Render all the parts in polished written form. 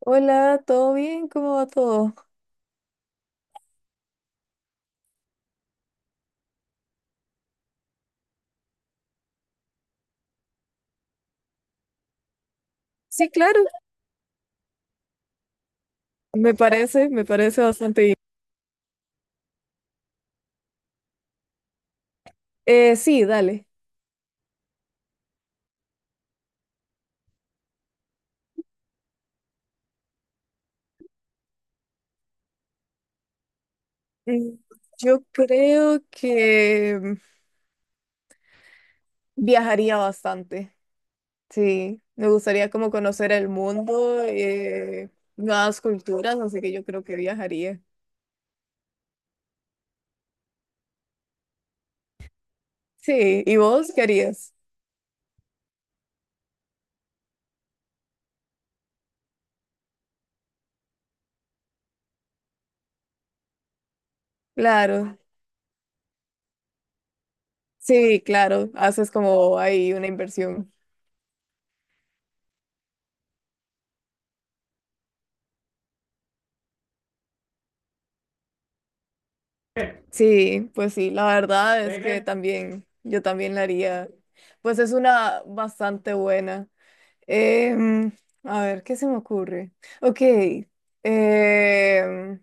Hola, ¿todo bien? ¿Cómo va todo? Sí, claro, me parece bastante bien. Sí, dale. Mm, Yo creo que viajaría bastante, sí. Me gustaría como conocer el mundo, nuevas culturas, así que yo creo que viajaría. Sí, ¿y vos qué harías? Claro, sí, claro, haces como ahí una inversión. Sí, pues sí, la verdad es que Venga. También, yo también la haría. Pues es una bastante buena. Em, a ver, ¿qué se me ocurre? Ok, em,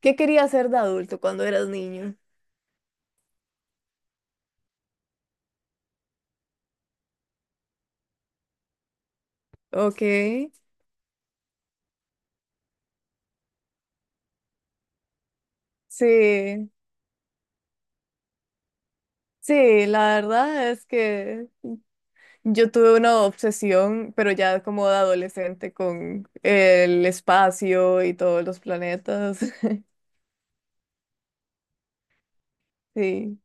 ¿qué querías ser de adulto cuando eras niño? Ok, sí, sí, la verdad es que yo tuve una obsesión, pero ya como de adolescente con el espacio y todos los planetas. Sí,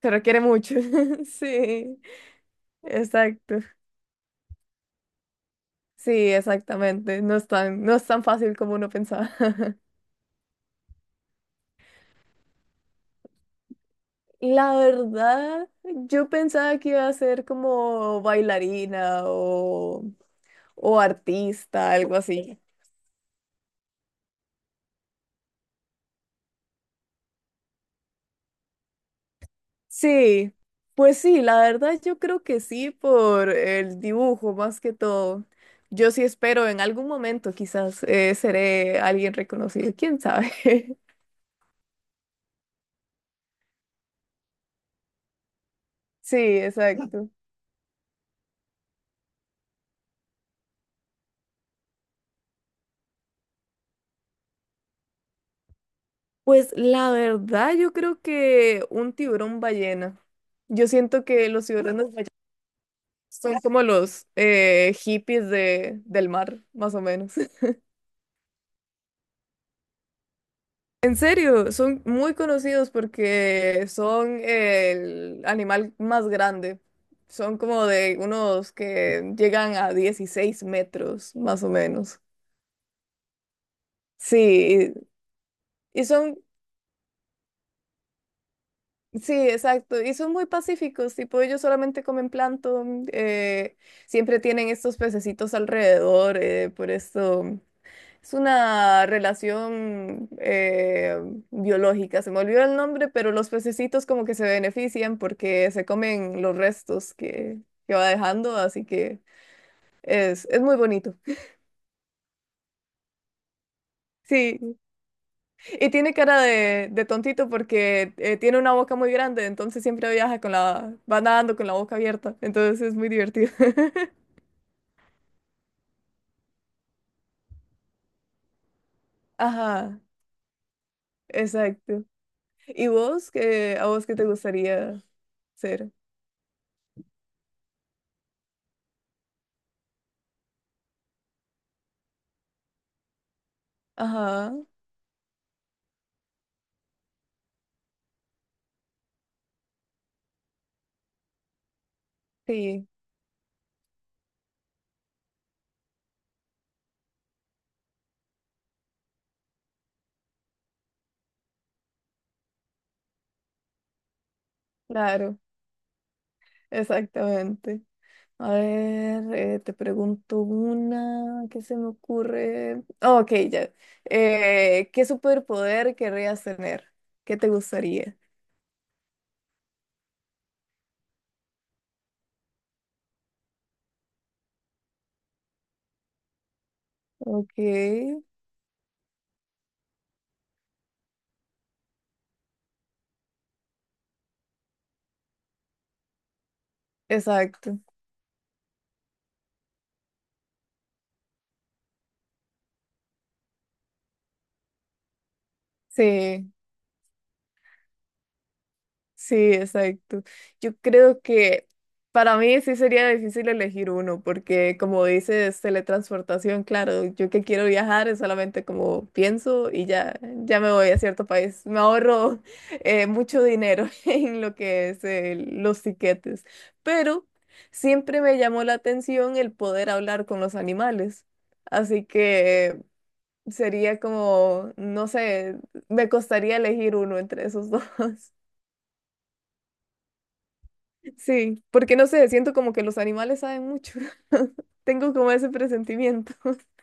se requiere mucho, sí. Exacto. Sí, exactamente. No es tan fácil como uno pensaba. La verdad, yo pensaba que iba a ser como bailarina o artista, algo así. Sí, pues sí, la verdad yo creo que sí por el dibujo más que todo. Yo sí espero en algún momento quizás seré alguien reconocido, quién sabe. Sí, exacto. Pues la verdad, yo creo que un tiburón ballena. Yo siento que los tiburones ballenas son como los hippies del mar, más o menos. En serio, son muy conocidos porque son el animal más grande. Son como de unos que llegan a 16 metros, más o menos. Sí, y son sí, exacto. Y son muy pacíficos, tipo ellos solamente comen plancton, siempre tienen estos pececitos alrededor, por esto es una relación biológica. Se me olvidó el nombre, pero los pececitos como que se benefician porque se comen los restos que va dejando, así que es muy bonito. Sí. Y tiene cara de tontito porque tiene una boca muy grande, entonces siempre viaja con la, va nadando con la boca abierta, entonces es muy divertido. Ajá, exacto. ¿Y vos qué, a vos qué te gustaría ser? Ajá, sí, claro, exactamente. A ver, te pregunto una, ¿qué se me ocurre? Oh, ok, ya. ¿Qué superpoder querrías tener? ¿Qué te gustaría? Ok, exacto. Sí, sí, exacto. Yo creo que para mí sí sería difícil elegir uno, porque como dices, teletransportación, claro, yo que quiero viajar es solamente como pienso y ya, ya me voy a cierto país. Me ahorro mucho dinero en lo que es los tiquetes, pero siempre me llamó la atención el poder hablar con los animales. Así que sería como, no sé, me costaría elegir uno entre esos dos. Sí, porque no sé, siento como que los animales saben mucho. Tengo como ese presentimiento.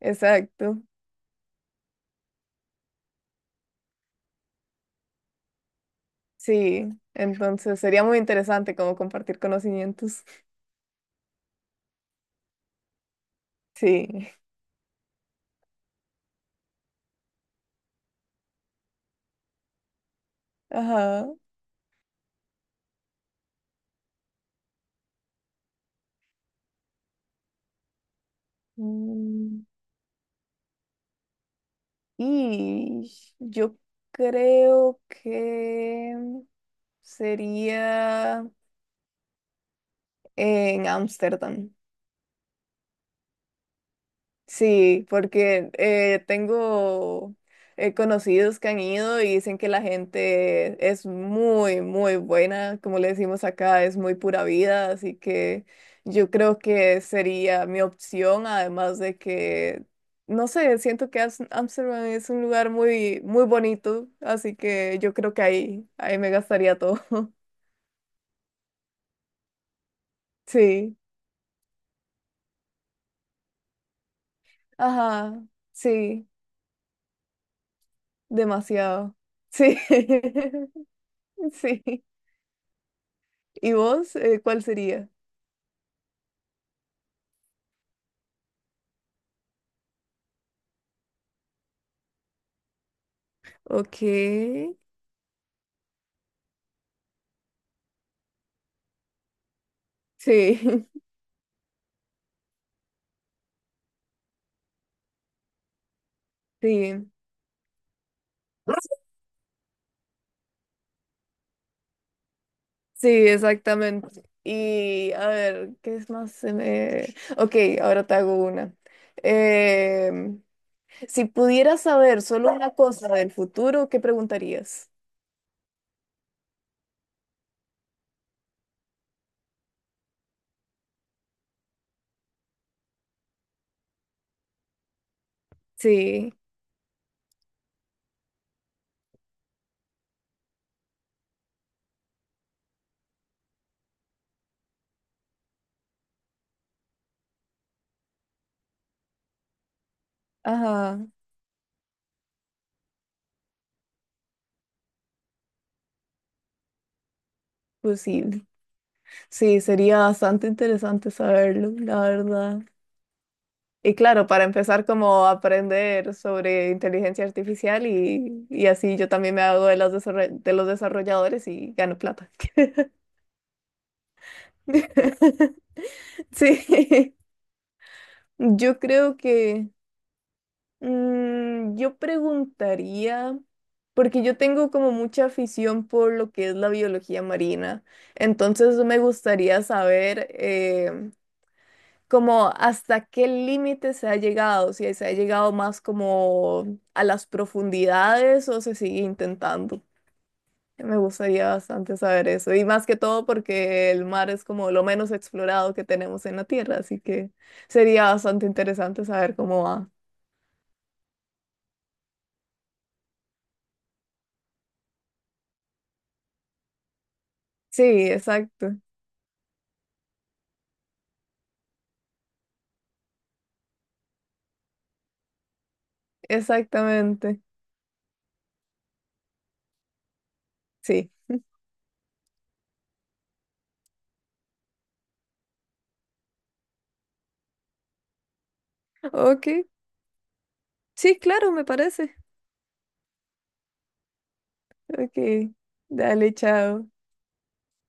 Exacto. Sí, entonces sería muy interesante como compartir conocimientos. Sí. Ajá. Mm, y yo creo que sería en Ámsterdam. Sí, porque tengo conocidos que han ido y dicen que la gente es muy buena, como le decimos acá, es muy pura vida, así que yo creo que sería mi opción, además de que, no sé, siento que Amsterdam es un lugar muy bonito, así que yo creo que ahí me gastaría todo. Sí, ajá, sí, demasiado. Sí, sí. ¿Y vos, cuál sería? Ok, sí, sí, sí, exactamente. Y a ver, ¿qué es más? Se me- Ok, ahora te hago una. Em, si pudieras saber solo una cosa del futuro, ¿qué preguntarías? Sí, ajá, pues sí, sí, sería bastante interesante saberlo, la verdad. Y claro, para empezar como a aprender sobre inteligencia artificial y así yo también me hago de los de los desarrolladores y gano plata. Sí, yo creo que yo preguntaría, porque yo tengo como mucha afición por lo que es la biología marina, entonces me gustaría saber como hasta qué límite se ha llegado, si se ha llegado más como a las profundidades o se sigue intentando. Me gustaría bastante saber eso, y más que todo porque el mar es como lo menos explorado que tenemos en la Tierra, así que sería bastante interesante saber cómo va. Sí, exacto, exactamente, sí. Ok, sí, claro, me parece. Ok, dale, chao.